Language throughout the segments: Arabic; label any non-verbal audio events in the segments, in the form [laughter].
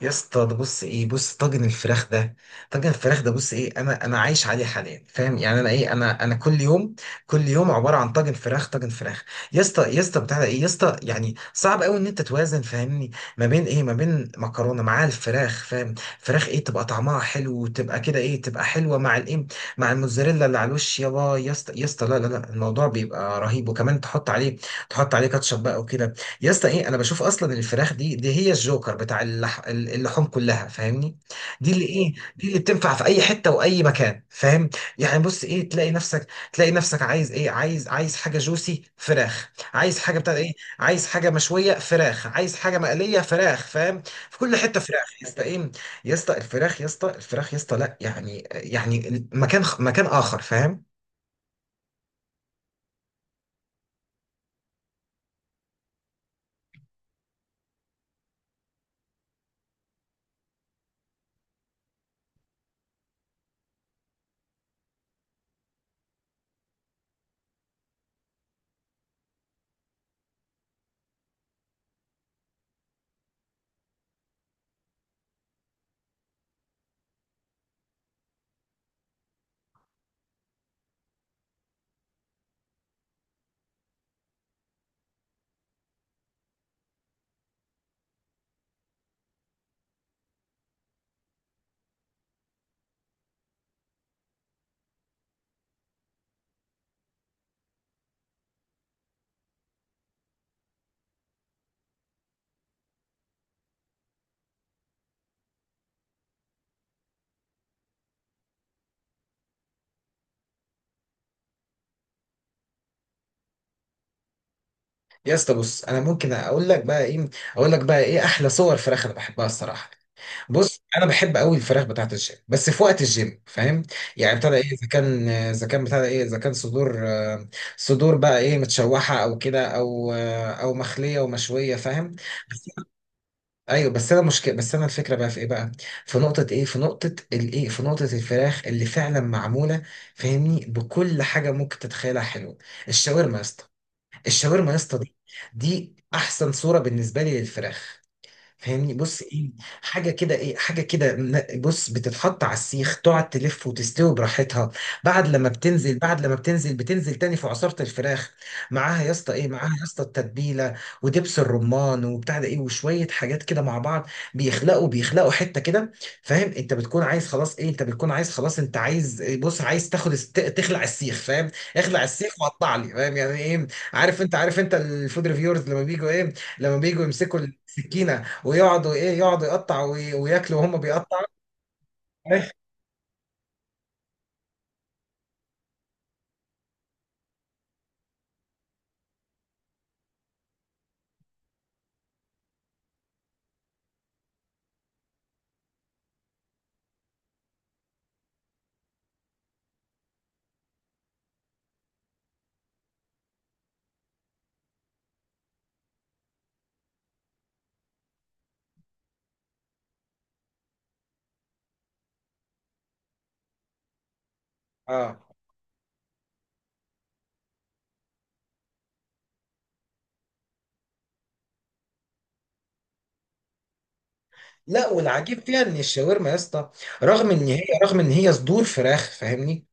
يا اسطى ده بص ايه بص طاجن الفراخ ده. طاجن الفراخ ده بص ايه، انا عايش عليه حاليا، فاهم؟ يعني انا ايه، انا كل يوم، كل يوم عباره عن طاجن فراخ، طاجن فراخ. يا اسطى بتاع ده ايه يا اسطى؟ يعني صعب قوي ان انت توازن، فاهمني؟ ما بين ايه، ما بين مكرونه مع الفراخ، فاهم؟ فراخ ايه، تبقى طعمها حلو وتبقى كده ايه، تبقى حلوه مع الايه، مع الموتزاريلا اللي على الوش. يابا يا اسطى لا لا لا، الموضوع بيبقى رهيب، وكمان تحط عليه كاتشب بقى وكده. يا اسطى ايه، انا بشوف اصلا الفراخ دي هي الجوكر بتاع اللحوم كلها، فاهمني؟ دي اللي ايه، دي اللي بتنفع في اي حته واي مكان، فاهم؟ يعني بص ايه، تلاقي نفسك عايز ايه، عايز حاجه جوسي فراخ، عايز حاجه بتاع ايه، عايز حاجه مشويه فراخ، عايز حاجه مقليه فراخ، فاهم؟ في كل حته فراخ يا اسطى، ايه يا اسطى الفراخ يا اسطى، لا، يعني مكان مكان اخر، فاهم؟ يا اسطى بص، انا ممكن اقول لك بقى ايه، اقول لك بقى ايه احلى صور فراخ انا بحبها الصراحه. بص انا بحب قوي الفراخ بتاعت الجيم، بس في وقت الجيم، فاهم؟ يعني ابتدى ايه، اذا كان، اذا كان بتاع ايه، اذا كان صدور، صدور بقى ايه، متشوحه او كده، او او مخليه ومشويه، فاهم؟ بس. ايوه بس انا مشكله، بس انا الفكره بقى في ايه بقى، في نقطه ايه، في نقطه الايه، في نقطه الفراخ اللي فعلا معموله، فاهمني؟ بكل حاجه ممكن تتخيلها حلوه. الشاورما يا اسطى، الشاورما يا اسطى دي احسن صوره بالنسبه لي للفراخ، فاهمني؟ بص ايه، حاجه كده ايه، حاجه كده بص بتتحط على السيخ، تقعد تلف وتستوي براحتها. بعد لما بتنزل، بتنزل تاني في عصاره الفراخ، معاها يا اسطى ايه، معاها يا اسطى التتبيله، ودبس الرمان وبتاع ده ايه، وشويه حاجات كده مع بعض، بيخلقوا حته كده، فاهم؟ انت بتكون عايز خلاص ايه، انت بتكون عايز خلاص، انت عايز إيه، بص عايز تاخد تخلع السيخ، فاهم؟ اخلع السيخ وقطع لي، فاهم يعني ايه؟ عارف انت، عارف انت الفود ريفيورز لما بيجوا ايه، لما بيجوا يمسكوا السكينه، ويقعدوا ايه، يقعدوا يقطعوا وياكلوا وهم بيقطعوا. [laughs] اه. لا والعجيب فيها ان الشاورما يا اسطى، رغم ان هي صدور فراخ، فاهمني؟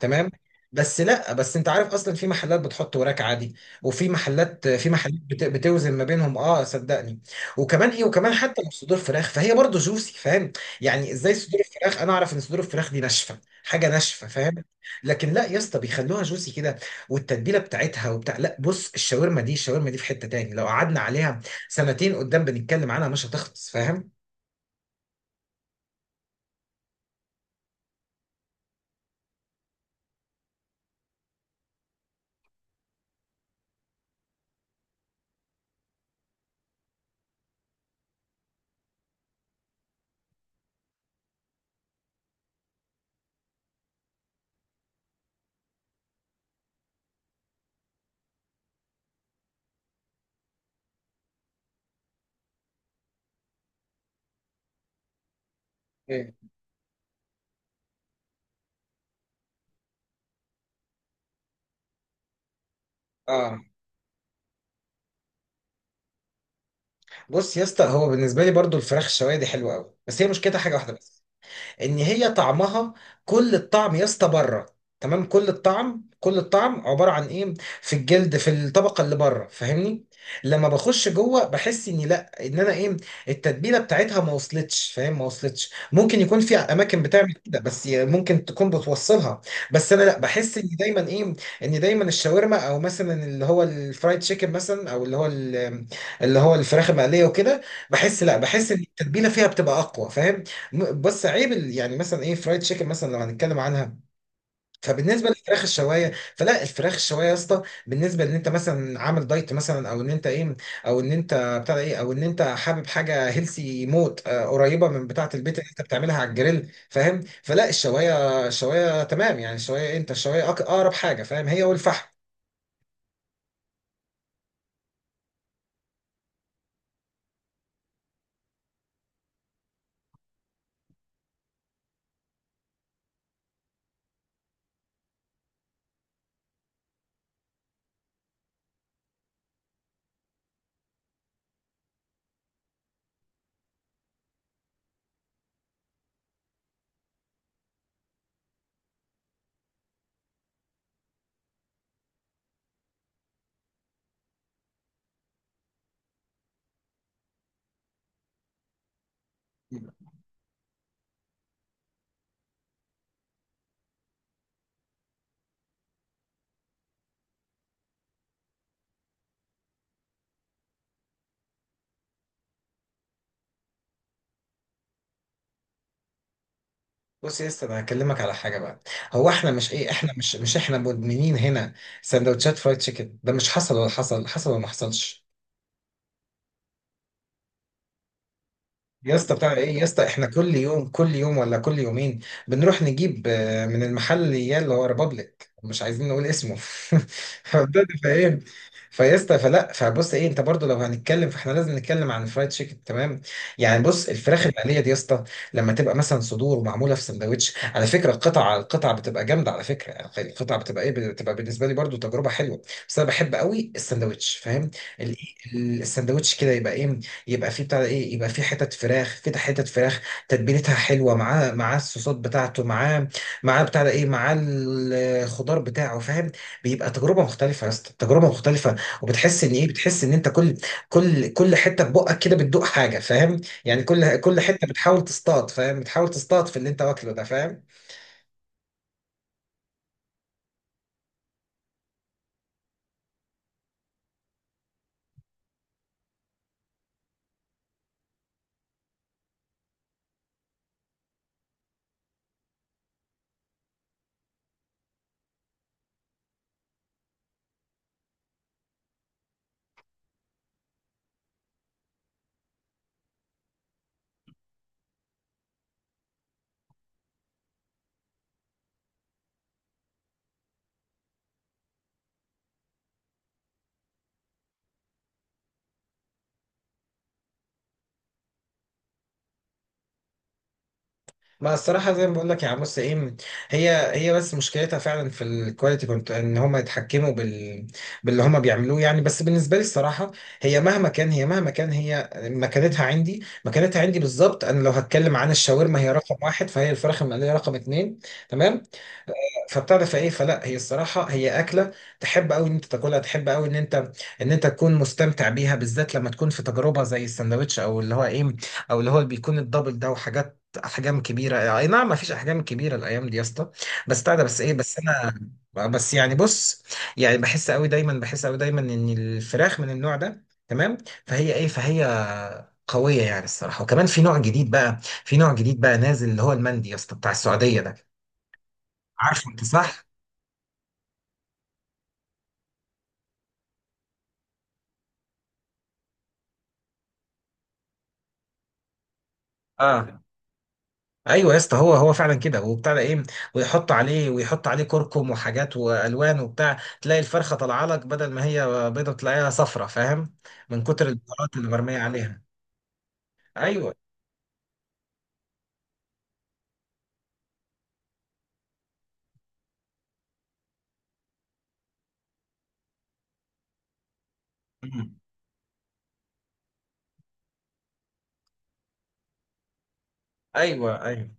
تمام. بس لا، بس انت عارف اصلا في محلات بتحط وراك عادي، وفي محلات بتوزن ما بينهم، اه صدقني. وكمان ايه، وكمان حتى لو صدور فراخ، فهي برضه جوسي، فاهم؟ يعني ازاي صدور الفراخ؟ انا اعرف ان صدور الفراخ دي ناشفه، حاجه ناشفه، فاهم؟ لكن لا يا اسطى، بيخلوها جوسي كده، والتتبيله بتاعتها وبتاع. لا بص، الشاورما دي في حته تاني، لو قعدنا عليها سنتين قدام بنتكلم عنها مش هتخلص، فاهم؟ إيه. اه بص يا اسطى، هو بالنسبه لي برضه الفراخ الشوايه دي حلوه قوي، بس هي مشكلتها حاجه واحده بس، ان هي طعمها، كل الطعم يا اسطى بره. تمام، كل الطعم، كل الطعم عباره عن ايه، في الجلد، في الطبقه اللي بره، فاهمني؟ لما بخش جوه بحس اني لا، ان انا ايه، التتبيله بتاعتها ما وصلتش، فاهم؟ ما وصلتش، ممكن يكون في اماكن بتعمل كده، بس ممكن تكون بتوصلها. بس انا لا، بحس اني دايما ايه، ان دايما الشاورما، او مثلا اللي هو الفرايد تشيكن مثلا، او اللي هو ال- اللي هو الفراخ المقليه وكده، بحس لا، بحس ان التتبيله فيها بتبقى اقوى، فاهم؟ يعني مثلا ايه، فرايد تشيكن مثلا لو هنتكلم عنها، فبالنسبه للفراخ الشوايه، فلا، الفراخ الشوايه يا اسطى، بالنسبه ان انت مثلا عامل دايت مثلا، او ان انت ايه، او ان انت بتاع ايه، او ان انت حابب حاجه هيلسي موت، قريبه من بتاعه البيت اللي انت بتعملها على الجريل، فاهم؟ فلا الشوايه، الشوايه تمام يعني، الشوايه إيه؟ انت الشوايه اقرب حاجه، فاهم؟ هي والفحم. بص يا اسطى، انا هكلمك على حاجه بقى. هو احنا مش ايه، احنا مش مش احنا مدمنين هنا سندوتشات فرايد تشيكن؟ ده مش حصل؟ ولا حصل؟ حصل ولا ما حصلش؟ يا اسطى بتاع ايه يا اسطى، احنا كل يوم، كل يوم ولا كل يومين بنروح نجيب من المحل اللي اللي هو ريبابليك، مش عايزين نقول اسمه. [laughs] فبدأت، فاهم؟ فيا اسطى فلا، فبص ايه، انت برضو لو هنتكلم، فاحنا لازم نتكلم عن الفرايد تشيكن. تمام. يعني بص، الفراخ العاديه دي يا اسطى، لما تبقى مثلا صدور ومعموله في سندوتش، على فكره القطع، على القطع بتبقى جامده على فكره، يعني القطع بتبقى ايه، بتبقى بالنسبه لي برضو تجربه حلوه. بس انا بحب قوي السندوتش، فاهم؟ ال- السندوتش كده يبقى ايه، يبقى في بتاع ايه، يبقى في حتت فراخ كده، حتت فراخ تتبيلتها حلوه، معاه معاه الصوصات بتاعته، معاه معاه بتاع ده ايه، معاه الخضار بتاعه، فاهم؟ بيبقى تجربه مختلفه يا اسطى، تجربه مختلفه. وبتحس ان ايه، بتحس ان انت كل، كل حته في بقك كده بتدوق حاجه، فاهم؟ يعني كل، كل حته بتحاول تصطاد، فاهم؟ بتحاول تصطاد في اللي انت واكله ده، فاهم؟ ما الصراحة زي ما بقول لك يا عموس ايه، هي بس مشكلتها فعلا في الكواليتي، كنت ان هم يتحكموا بال، باللي هم بيعملوه يعني. بس بالنسبة لي الصراحة، هي مهما كان، هي مكانتها عندي، مكانتها عندي بالظبط، انا لو هتكلم عن الشاورما هي رقم واحد، فهي الفراخ المقلية رقم اتنين. تمام. فبتعرف ايه، فلا هي الصراحه هي اكله تحب قوي ان انت تاكلها، تحب قوي ان انت، ان انت تكون مستمتع بيها، بالذات لما تكون في تجربه زي الساندوتش، او اللي هو ايه، او اللي هو بيكون الدبل ده، وحاجات احجام كبيره، اي نعم ما فيش احجام كبيره الايام دي يا اسطى. بس بتاع ده، بس ايه، بس انا، آه، بس يعني بص، يعني بحس قوي دايما ان الفراخ من النوع ده، تمام؟ فهي ايه، فهي قويه يعني الصراحه. وكمان في نوع جديد بقى، نازل، اللي هو المندي يا اسطى، بتاع السعوديه ده، عارفه انت، صح؟ اه ايوه يا اسطى، هو فعلا كده، وبتاع ده ايه، ويحط عليه كركم وحاجات والوان وبتاع، تلاقي الفرخه طالعه لك، بدل ما هي بيضه تلاقيها صفرة، فاهم؟ من كتر البهارات اللي مرميه عليها. ايوه. مم. ايوه ايوه.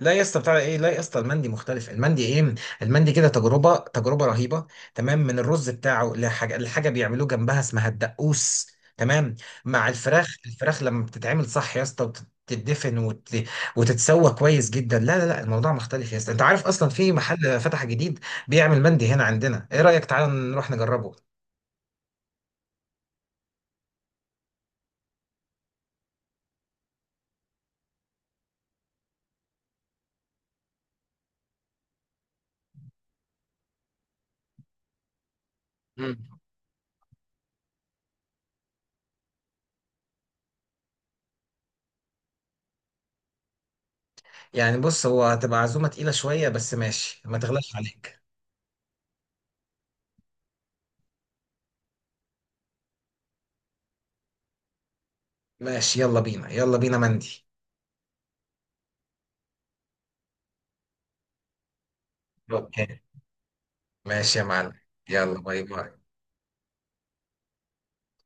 لا يا اسطى بتاع ايه، لا يا اسطى، المندي مختلف، المندي ايه، المندي كده تجربه، تجربه رهيبه. تمام. من الرز بتاعه، لحاجه بيعملوه جنبها اسمها الدقوس. تمام. مع الفراخ، الفراخ لما بتتعمل صح يا اسطى، وتتدفن وتتسوى كويس جدا، لا لا لا، الموضوع مختلف يا اسطى. انت عارف اصلا في محل فتح جديد بيعمل مندي هنا عندنا؟ ايه رايك تعالى نروح نجربه؟ مم. يعني بص، هو هتبقى عزومه تقيله شويه، بس ماشي، ما تغلاش عليك. ماشي، يلا بينا، يلا بينا مندي. يلا. ماشي يا معلم. يلا، باي باي.